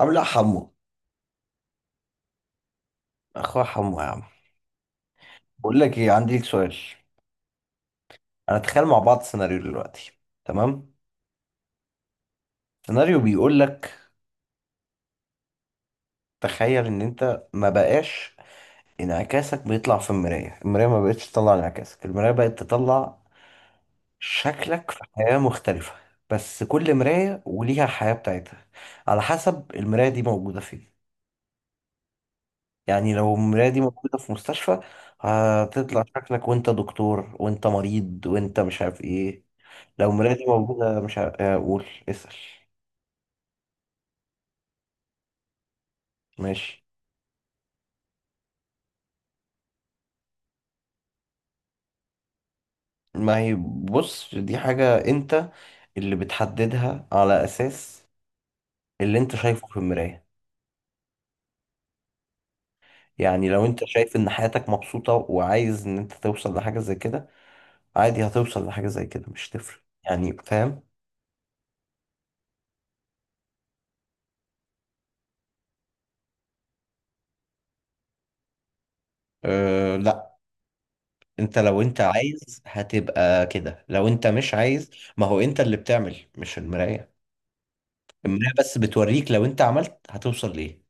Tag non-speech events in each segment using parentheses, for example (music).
عامل ايه يا حمو؟ اخويا حمو يا عم. بقول لك ايه؟ عندي لك سؤال. انا تخيل مع بعض سيناريو دلوقتي. تمام. سيناريو بيقول لك: تخيل ان انت ما بقاش. انعكاسك بيطلع في المرايه ما بقتش تطلع انعكاسك، المرايه بقت تطلع شكلك في حياه مختلفه. بس كل مرايه وليها حياه بتاعتها، على حسب المرايه دي موجوده فين. يعني لو المرايه دي موجوده في مستشفى، هتطلع شكلك وانت دكتور وانت مريض وانت مش عارف ايه. لو مراتي موجودة مش هقول اسأل. ماشي. ما هي، بص دي حاجة انت اللي بتحددها على اساس اللي انت شايفه في المراية. يعني لو انت شايف ان حياتك مبسوطة وعايز ان انت توصل لحاجة زي كده، عادي هتوصل لحاجة زي كده، مش تفرق. يعني فاهم؟ أه لا. انت لو انت عايز هتبقى كده، لو انت مش عايز، ما هو انت اللي بتعمل مش المراية. المراية بس بتوريك لو انت عملت هتوصل ليه.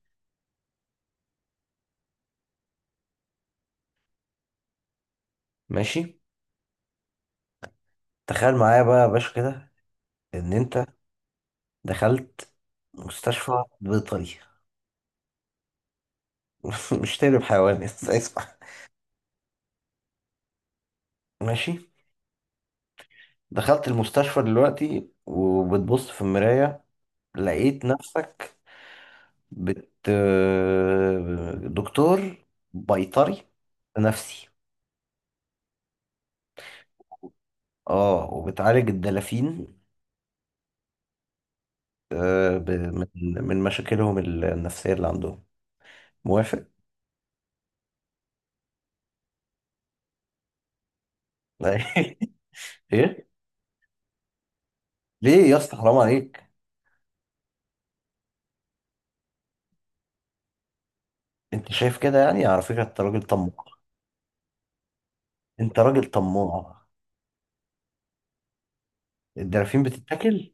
ماشي. تخيل معايا بقى يا باشا كده ان انت دخلت مستشفى بيطري. (laughs) مش تقلب حيوان، اسمع. ماشي. دخلت المستشفى دلوقتي وبتبص في المراية، لقيت نفسك بت دكتور بيطري نفسي. اه، وبتعالج الدلافين آه، ب- من من مشاكلهم النفسية اللي عندهم. موافق؟ (laughs) ايه؟ ليه يا اسطى، حرام عليك؟ انت شايف كده؟ يعني على فكرة انت راجل طماع. انت راجل طماع. الدلافين بتتاكل؟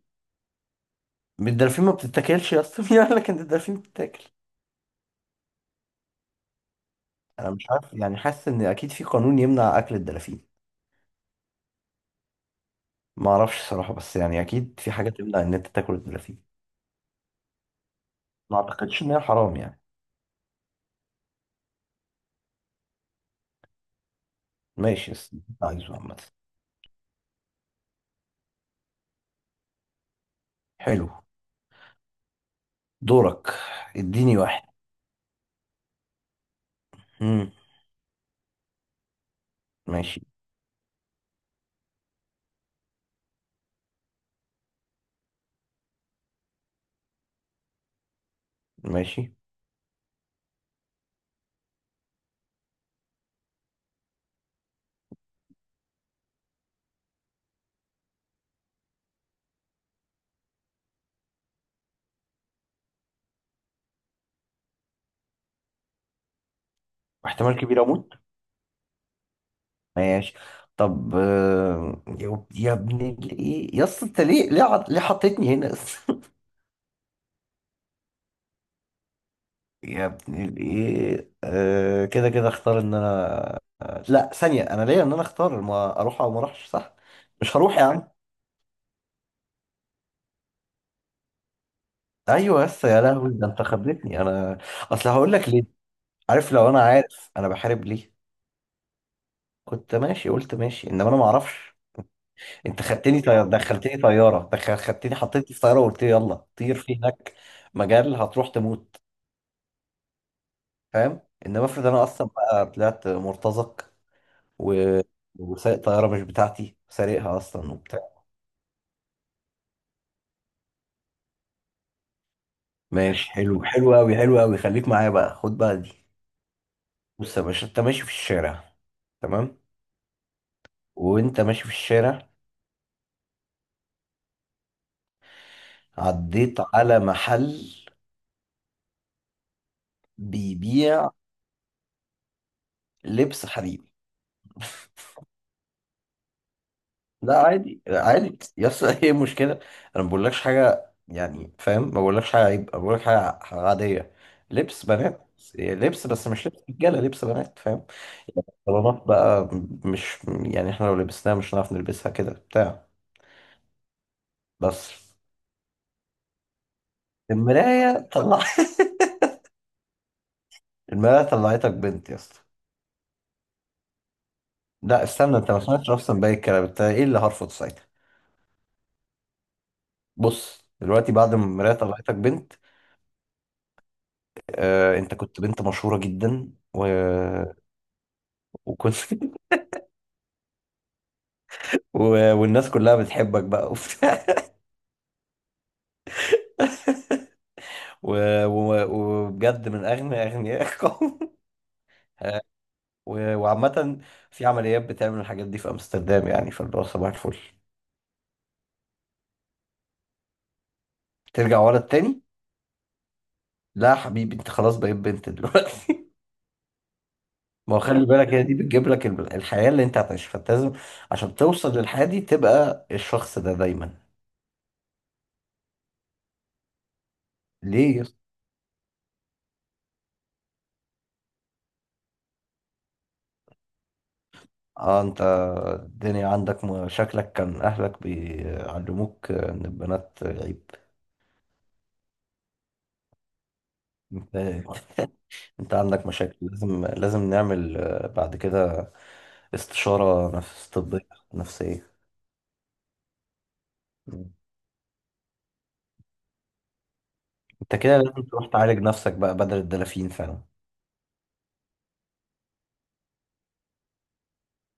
الدلافين ما بتتاكلش يا اسطى. (laughs) مين قال لك ان الدلافين بتتاكل؟ انا مش عارف يعني، حاسس ان اكيد في قانون يمنع اكل الدلافين. ما اعرفش الصراحه، بس يعني اكيد في حاجه تمنع ان انت تاكل الدلافين. ما اعتقدش ان هي حرام يعني. ماشي، بس اللي أنت عايزه عامه. حلو. دورك. اديني واحد. امم. ماشي. ماشي. واحتمال كبير اموت؟ ماشي. طب يا ابن ايه يا اسطى، انت ليه؟ ليه حطيتني هنا؟ (laughs) يا ابن الايه، آه كده اختار ان انا. لا ثانية، انا ليا ان انا اختار ما اروح او ما اروحش، صح؟ مش هروح يا عم. ايوه، بس يا لهوي ده انت خبرتني انا. اصل هقول لك ليه. عارف لو انا عارف انا بحارب ليه، كنت ماشي قلت ماشي، انما انا ما اعرفش. انت خدتني طيارة، دخلتني طيارة دخل خدتني حطيتني في طيارة وقلت لي يلا طير في هناك مجال هتروح تموت. فاهم؟ انما افرض انا اصلا بقى طلعت مرتزق و... وسايق طيارة مش بتاعتي، سارقها اصلا وبتاع. ماشي، حلو. حلو قوي، حلو قوي. خليك معايا بقى، خد بقى دي. بص يا باشا انت ماشي في الشارع. تمام. وانت ماشي في الشارع، عديت على محل بيبيع لبس حريمي. (laughs) لا عادي، عادي يا اسطى. (laughs) ايه المشكله؟ انا ما بقولكش حاجه يعني، فاهم؟ ما بقولكش حاجه عيب، أنا بقولك حاجه عاديه. لبس بنات. لبس، بس مش لبس رجاله، لبس بنات، فاهم؟ طالما بقى مش يعني احنا لو لبسناها مش هنعرف نلبسها كده بتاع. بس، المراية طلع (laughs) المراية طلعتك بنت يا اسطى. لا استنى، انت ما سمعتش اصلا باقي الكلام. انت ايه اللي هرفض ساعتها؟ بص دلوقتي بعد ما المراية طلعتك بنت، آه انت كنت بنت مشهورة جدا، و... وكنت (laughs) و... والناس كلها بتحبك بقى وبتاع. (laughs) و... و... وبجد من اغنى اغنياء القوم. (laughs) آه، و... وعامة في عمليات بتعمل الحاجات دي في امستردام، يعني فاللي هو صباح الفل. ترجع ورا التاني؟ لا يا حبيبي، انت خلاص بقيت بنت دلوقتي. ما هو خلي بالك هي دي بتجيب لك الحياة اللي انت هتعيشها، فانت لازم عشان توصل للحياة دي تبقى الشخص ده دايما. ليه اه؟ انت الدنيا عندك شكلك كان اهلك بيعلموك ان البنات عيب. انت (laughs) انت عندك مشاكل، لازم لازم نعمل بعد كده استشارة نفس طبية، نفسية. مم. انت كده لازم تروح تعالج نفسك بقى بدل الدلافين فعلا.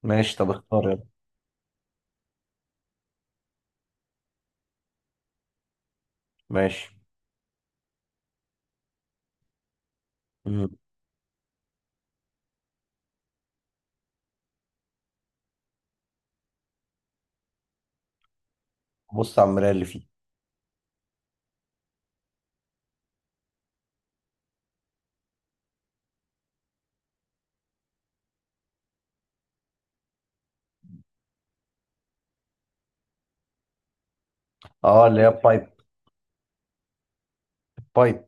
ماشي طب اختار يلا. ماشي. مم. بص على المراية اللي فيه. اه اللي هي بايب. بايب.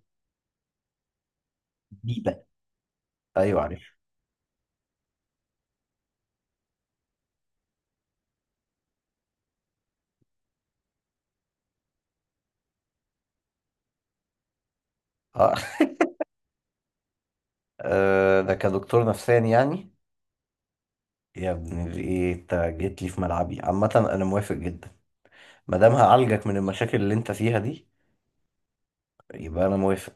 بيبة. ايوه عارف. اه ده كدكتور نفساني يعني. يا ابن الايه انت جيت لي في ملعبي، عامة انا موافق جدا. ما دام هعالجك من المشاكل اللي انت فيها دي، يبقى انا موافق.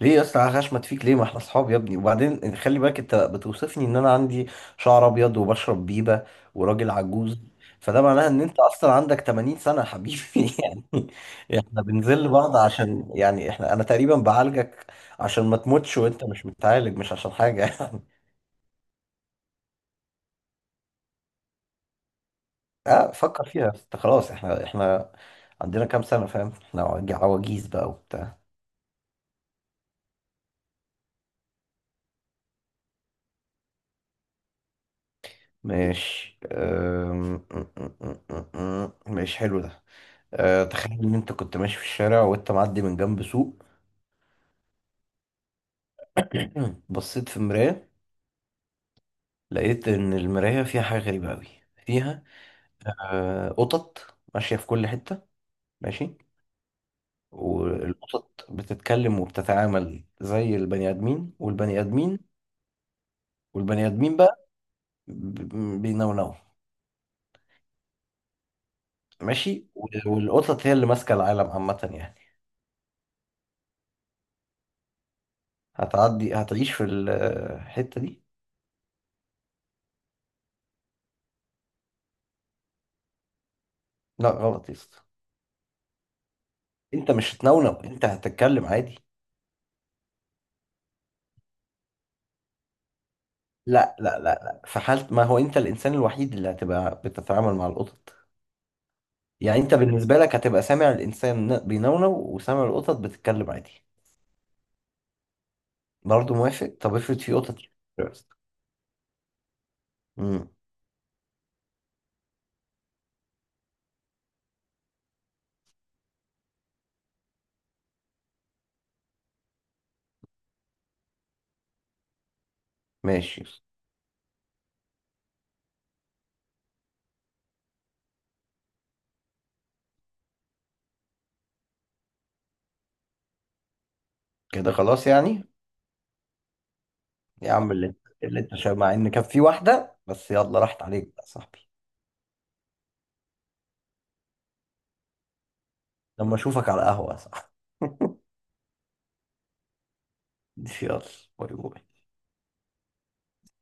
ليه يا اسطى هشمت فيك ليه؟ ما احنا اصحاب يا ابني. وبعدين خلي بالك انت بتوصفني ان انا عندي شعر ابيض وبشرب بيبة وراجل عجوز. فده معناه ان انت اصلا عندك 80 سنة يا حبيبي. (laughs) يعني احنا بنذل بعض عشان يعني انا تقريبا بعالجك عشان ما تموتش وانت مش متعالج، مش عشان حاجة يعني. اه فكر فيها انت. خلاص احنا عندنا كام سنة؟ فاهم احنا عواجيز بقى وبتاع. ماشي. أم، أم، أم، أم، أم. ماشي، حلو ده. تخيل ان انت كنت ماشي في الشارع وانت معدي من جنب سوق. (clears throat) بصيت في المراية، لقيت ان المراية فيها حاجة غريبة قوي، فيها قطط ماشية في كل حتة. ماشي. والقطط بتتكلم وبتتعامل زي البني ادمين، والبني ادمين بقى ب- بينونوا. ماشي و- والقطط هي اللي ماسكة العالم عامة يعني. هتعدي هتعيش في الحتة دي؟ لا غلط يا اسطى. انت مش هتنونو، انت هتتكلم عادي. لا لا لا لا، في حالة ما هو انت الانسان الوحيد اللي هتبقى بتتعامل مع القطط. يعني انت بالنسبة لك هتبقى سامع الانسان بينونو وسامع القطط بتتكلم عادي. برضه موافق؟ طب افرض في قطط. امم. ماشي يا اسطى. كده خلاص يعني. يا عم اللي انت شايف، مع ان كان في واحدة بس يلا راحت عليك بقى يا صاحبي. لما اشوفك على قهوة، صح. يلا باي باي.